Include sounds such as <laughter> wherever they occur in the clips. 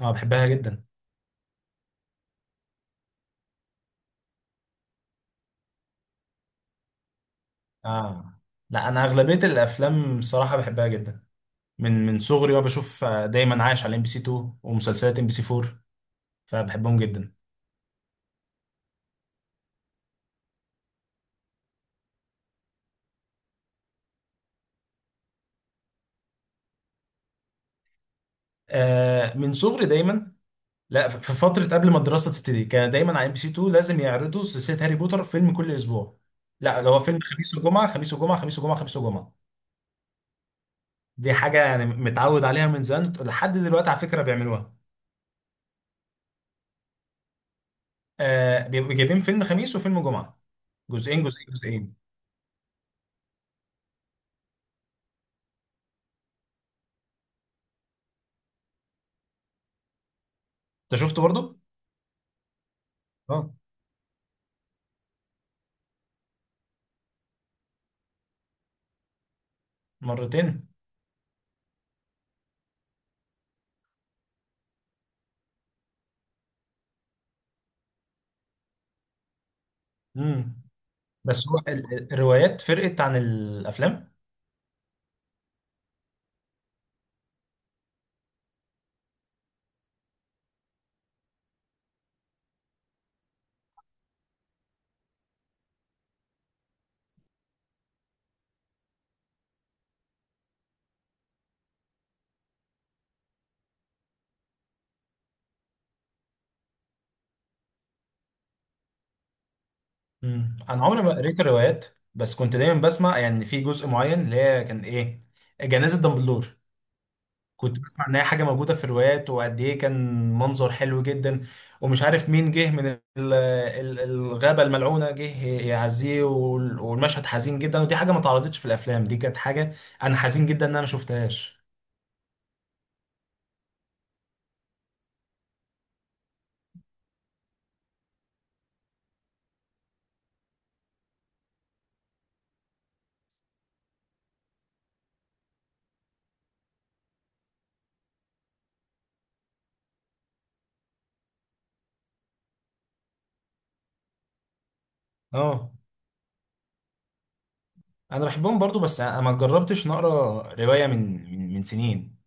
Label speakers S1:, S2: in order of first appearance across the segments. S1: اه، بحبها جدا. اه. لا، انا اغلبيه الافلام صراحه بحبها جدا من صغري وانا بشوف، دايما عايش على ام بي سي 2 ومسلسلات ام بي سي 4، فبحبهم جدا. من صغري دايما. لا، في فتره قبل ما الدراسه تبتدي كان دايما على ام بي سي 2، لازم يعرضوا سلسله هاري بوتر فيلم كل اسبوع. لا، لو هو فيلم خميس وجمعه، خميس وجمعه، خميس وجمعه، خميس وجمعه. دي حاجه يعني متعود عليها من زمان لحد دلوقتي، على فكره بيعملوها. بيبقوا جايبين فيلم خميس وفيلم جمعه. جزئين جزئين جزئين. انت شفته برضو؟ اه. مرتين. امم. بس هو الروايات فرقت عن الافلام. انا عمري ما قريت الروايات، بس كنت دايما بسمع يعني في جزء معين اللي هي كان ايه، جنازة دامبلدور. كنت بسمع ان هي حاجه موجوده في الروايات وقد ايه كان منظر حلو جدا، ومش عارف مين جه من الغابه الملعونه جه يعزيه والمشهد حزين جدا، ودي حاجه ما اتعرضتش في الافلام. دي كانت حاجه، انا حزين جدا ان انا ما شفتهاش. اه، انا بحبهم برضو، بس انا ما جربتش نقرا روايه من سنين.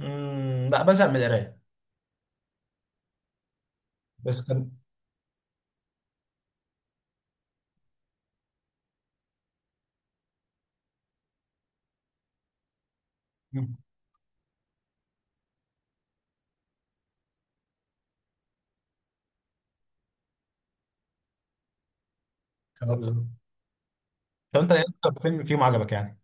S1: لا، بزهق من القرايه. بس كان. مم. كان أبزر. طب انت ايه اكتر فيلم فيهم عجبك يعني؟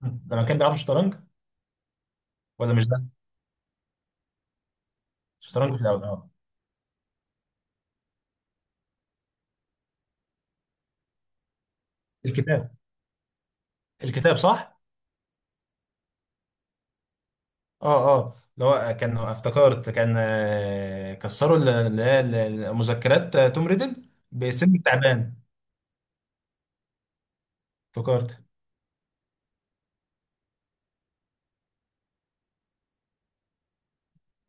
S1: مم. لما كان بيلعبوا شطرنج؟ ولا مش ده؟ شطرنج في الاول، اه. الكتاب. الكتاب، صح. اه اه، اللي هو كان افتكرت كان كسروا المذكرات، توم ريدل بسن التعبان. افتكرت.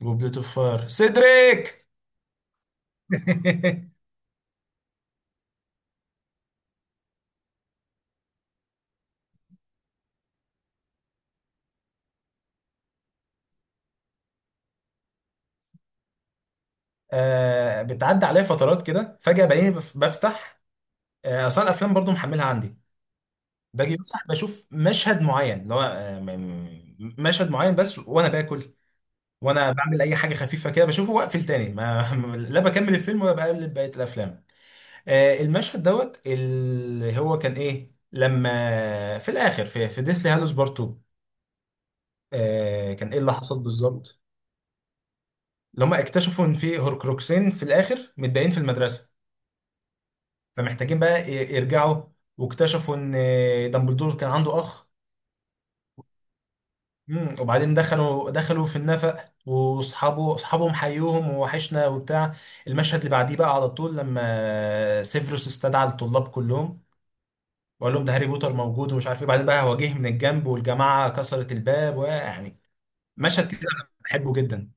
S1: وبليت اوف فاير، سيدريك. <laughs> بتعدي عليا فترات كده فجأة بلاقيني بفتح. اصلا الافلام برضو محملها عندي. باجي بفتح بشوف مشهد معين اللي هو مشهد معين بس وانا باكل، وانا بعمل اي حاجه خفيفه كده بشوفه واقفل تاني ما <laughs> لا بكمل الفيلم ولا بقلب بقيه الافلام. المشهد دوت اللي هو كان ايه لما في الاخر في ديسلي هالوس بارت 2، كان ايه اللي حصل بالظبط. اللي هم اكتشفوا ان في هوركروكسين في الاخر متباين في المدرسه، فمحتاجين بقى يرجعوا. واكتشفوا ان دامبلدور كان عنده اخ. مم. وبعدين دخلوا دخلوا في النفق، واصحابه اصحابهم حيوهم ووحشنا وبتاع. المشهد اللي بعديه بقى على طول لما سيفيروس استدعى الطلاب كلهم، وقال لهم ده هاري بوتر موجود ومش عارف ايه، بعدين بقى هواجيه من الجنب والجماعه كسرت الباب ويعني. مشهد كده أنا بحبه جدا.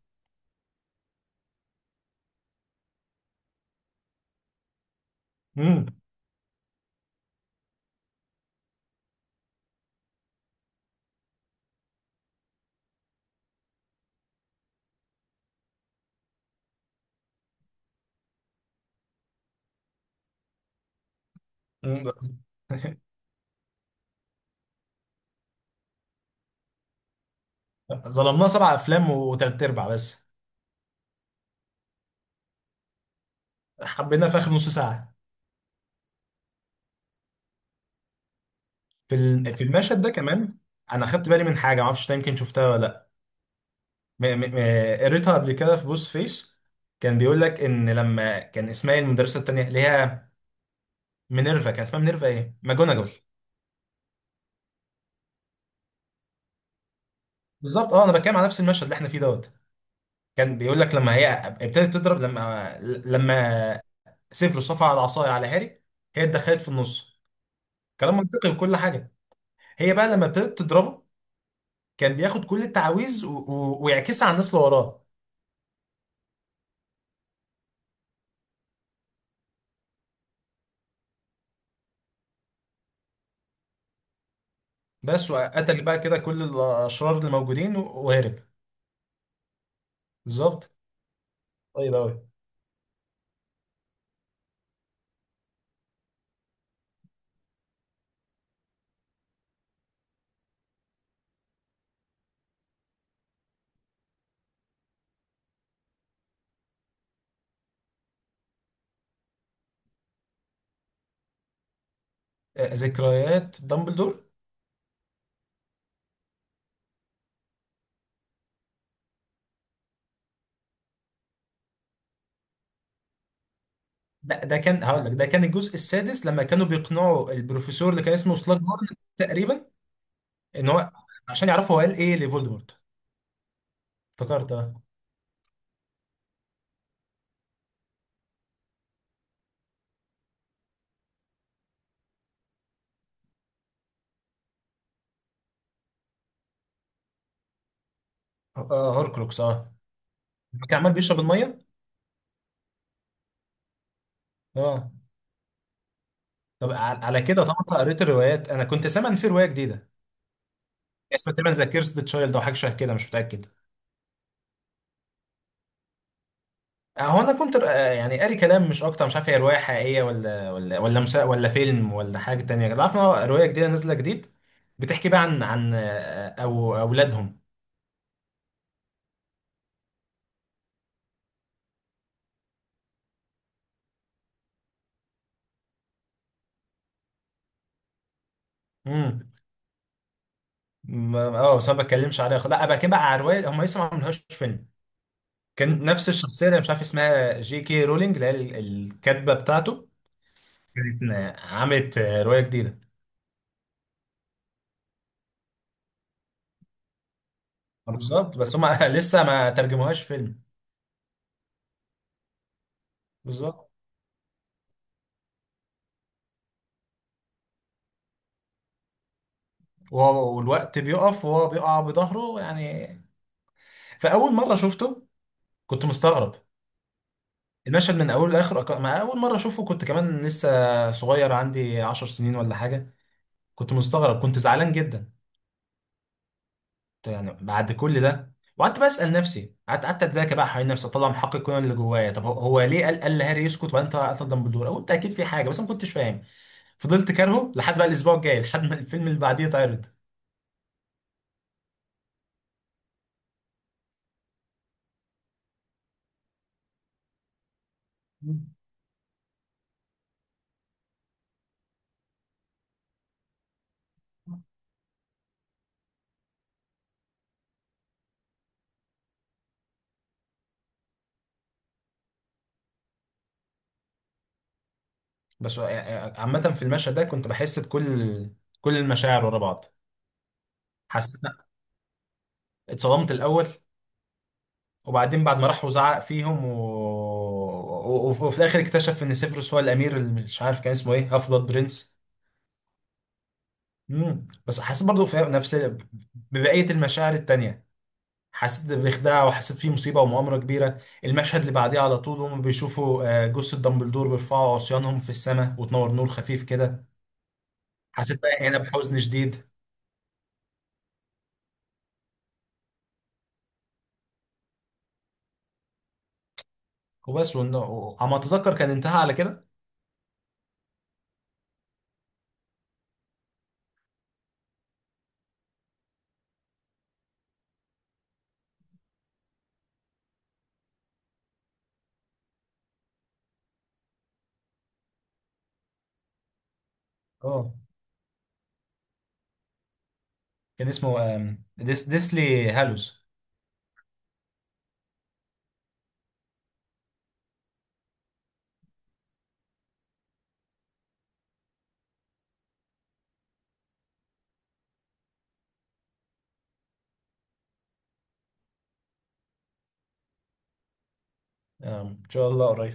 S1: مم. مم. <laughs> ظلمناه سبع افلام وتلات ارباع بس، حبينا في اخر نص ساعه. في في المشهد ده كمان، انا خدت بالي من حاجه معرفش ده يمكن شفتها ولا قريتها قبل كده في بوس فيس. كان بيقول لك ان لما كان اسمها إيه المدرسه التانيه اللي هي مينيرفا، كان اسمها مينيرفا ايه ماجوناجل. بالظبط، اه، انا بتكلم على نفس المشهد اللي احنا فيه دوت. كان بيقول لك لما هي ابتدت تضرب، لما سيفروس رفع العصايه على هاري هي اتدخلت في النص، كلام منطقي وكل حاجه. هي بقى لما ابتدت تضربه كان بياخد كل التعاويذ ويعكسها على الناس اللي وراه. بس وقتل بقى كده كل الاشرار اللي موجودين وهرب. بالظبط. طيب قوي. ذكريات دامبلدور. لا ده كان هقول لك ده كان الجزء السادس لما كانوا بيقنعوا البروفيسور اللي كان اسمه سلاج هورن، تقريبا، ان هو، عشان يعرفوا هو قال ايه لفولدمورت. افتكرت، اه. هوركروكس، اه. لما كان عمال بيشرب الميه. اه. طب، على كده طبعا أنت قريت الروايات. انا كنت سامع ان في روايه جديده اسمها تقريبا ذا كيرس ذا تشايلد او حاجه شبه كده، مش متاكد. هو انا كنت يعني قاري كلام مش اكتر، مش عارف هي روايه حقيقيه ولا مسا ولا فيلم ولا حاجه تانية كده، عارف إن هو روايه جديده نازله جديد. بتحكي بقى عن او اولادهم. امم. اه، بس ما بتكلمش عليها، لا بقى كده بقى على روايه هم لسه ما عملوهاش فيلم. كان نفس الشخصيه اللي مش عارف اسمها جي كي رولينج اللي هي الكاتبه بتاعته، كانت عملت روايه جديده. بالظبط، بس هم <laughs> لسه ما ترجموهاش فيلم. بالظبط، وهو والوقت بيقف وهو بيقع بظهره يعني، فاول مره شفته كنت مستغرب. المشهد من اوله لاخره، ما اول مره اشوفه كنت كمان لسه صغير عندي 10 سنين ولا حاجه، كنت مستغرب كنت زعلان جدا. كنت يعني بعد كل ده، وقعدت بسال نفسي، قعدت اتذاكى بقى حوالين نفسي اطلع محقق كونان اللي جوايا، طب هو ليه قال لهاري يسكت وبعدين طلع قتل دامبلدور. قلت اكيد في حاجه بس أنا ما كنتش فاهم. فضلت كارهه لحد بقى الاسبوع الجاي، لحد ما الفيلم اللي بعديه اتعرض. بس عامة، في المشهد ده كنت بحس بكل المشاعر ورا بعض. حسيت، اتصدمت الأول، وبعدين بعد ما راح وزعق فيهم وفي الاخر اكتشف ان سيفيروس هو الامير اللي مش عارف كان اسمه ايه، هاف بلاد برنس. بس حسيت برضو في نفس ببقيه المشاعر التانية. حسيت بخداع وحسيت فيه مصيبه ومؤامره كبيره. المشهد اللي بعديه على طول هم بيشوفوا جثه دامبلدور بيرفعوا عصيانهم في السماء وتنور نور خفيف كده، حسيت بقى هنا بحزن شديد. وبس، وعم اتذكر كان انتهى على كده. اه، كان اسمه آم، ديس ديسلي هالوز. ان شاء الله قريب.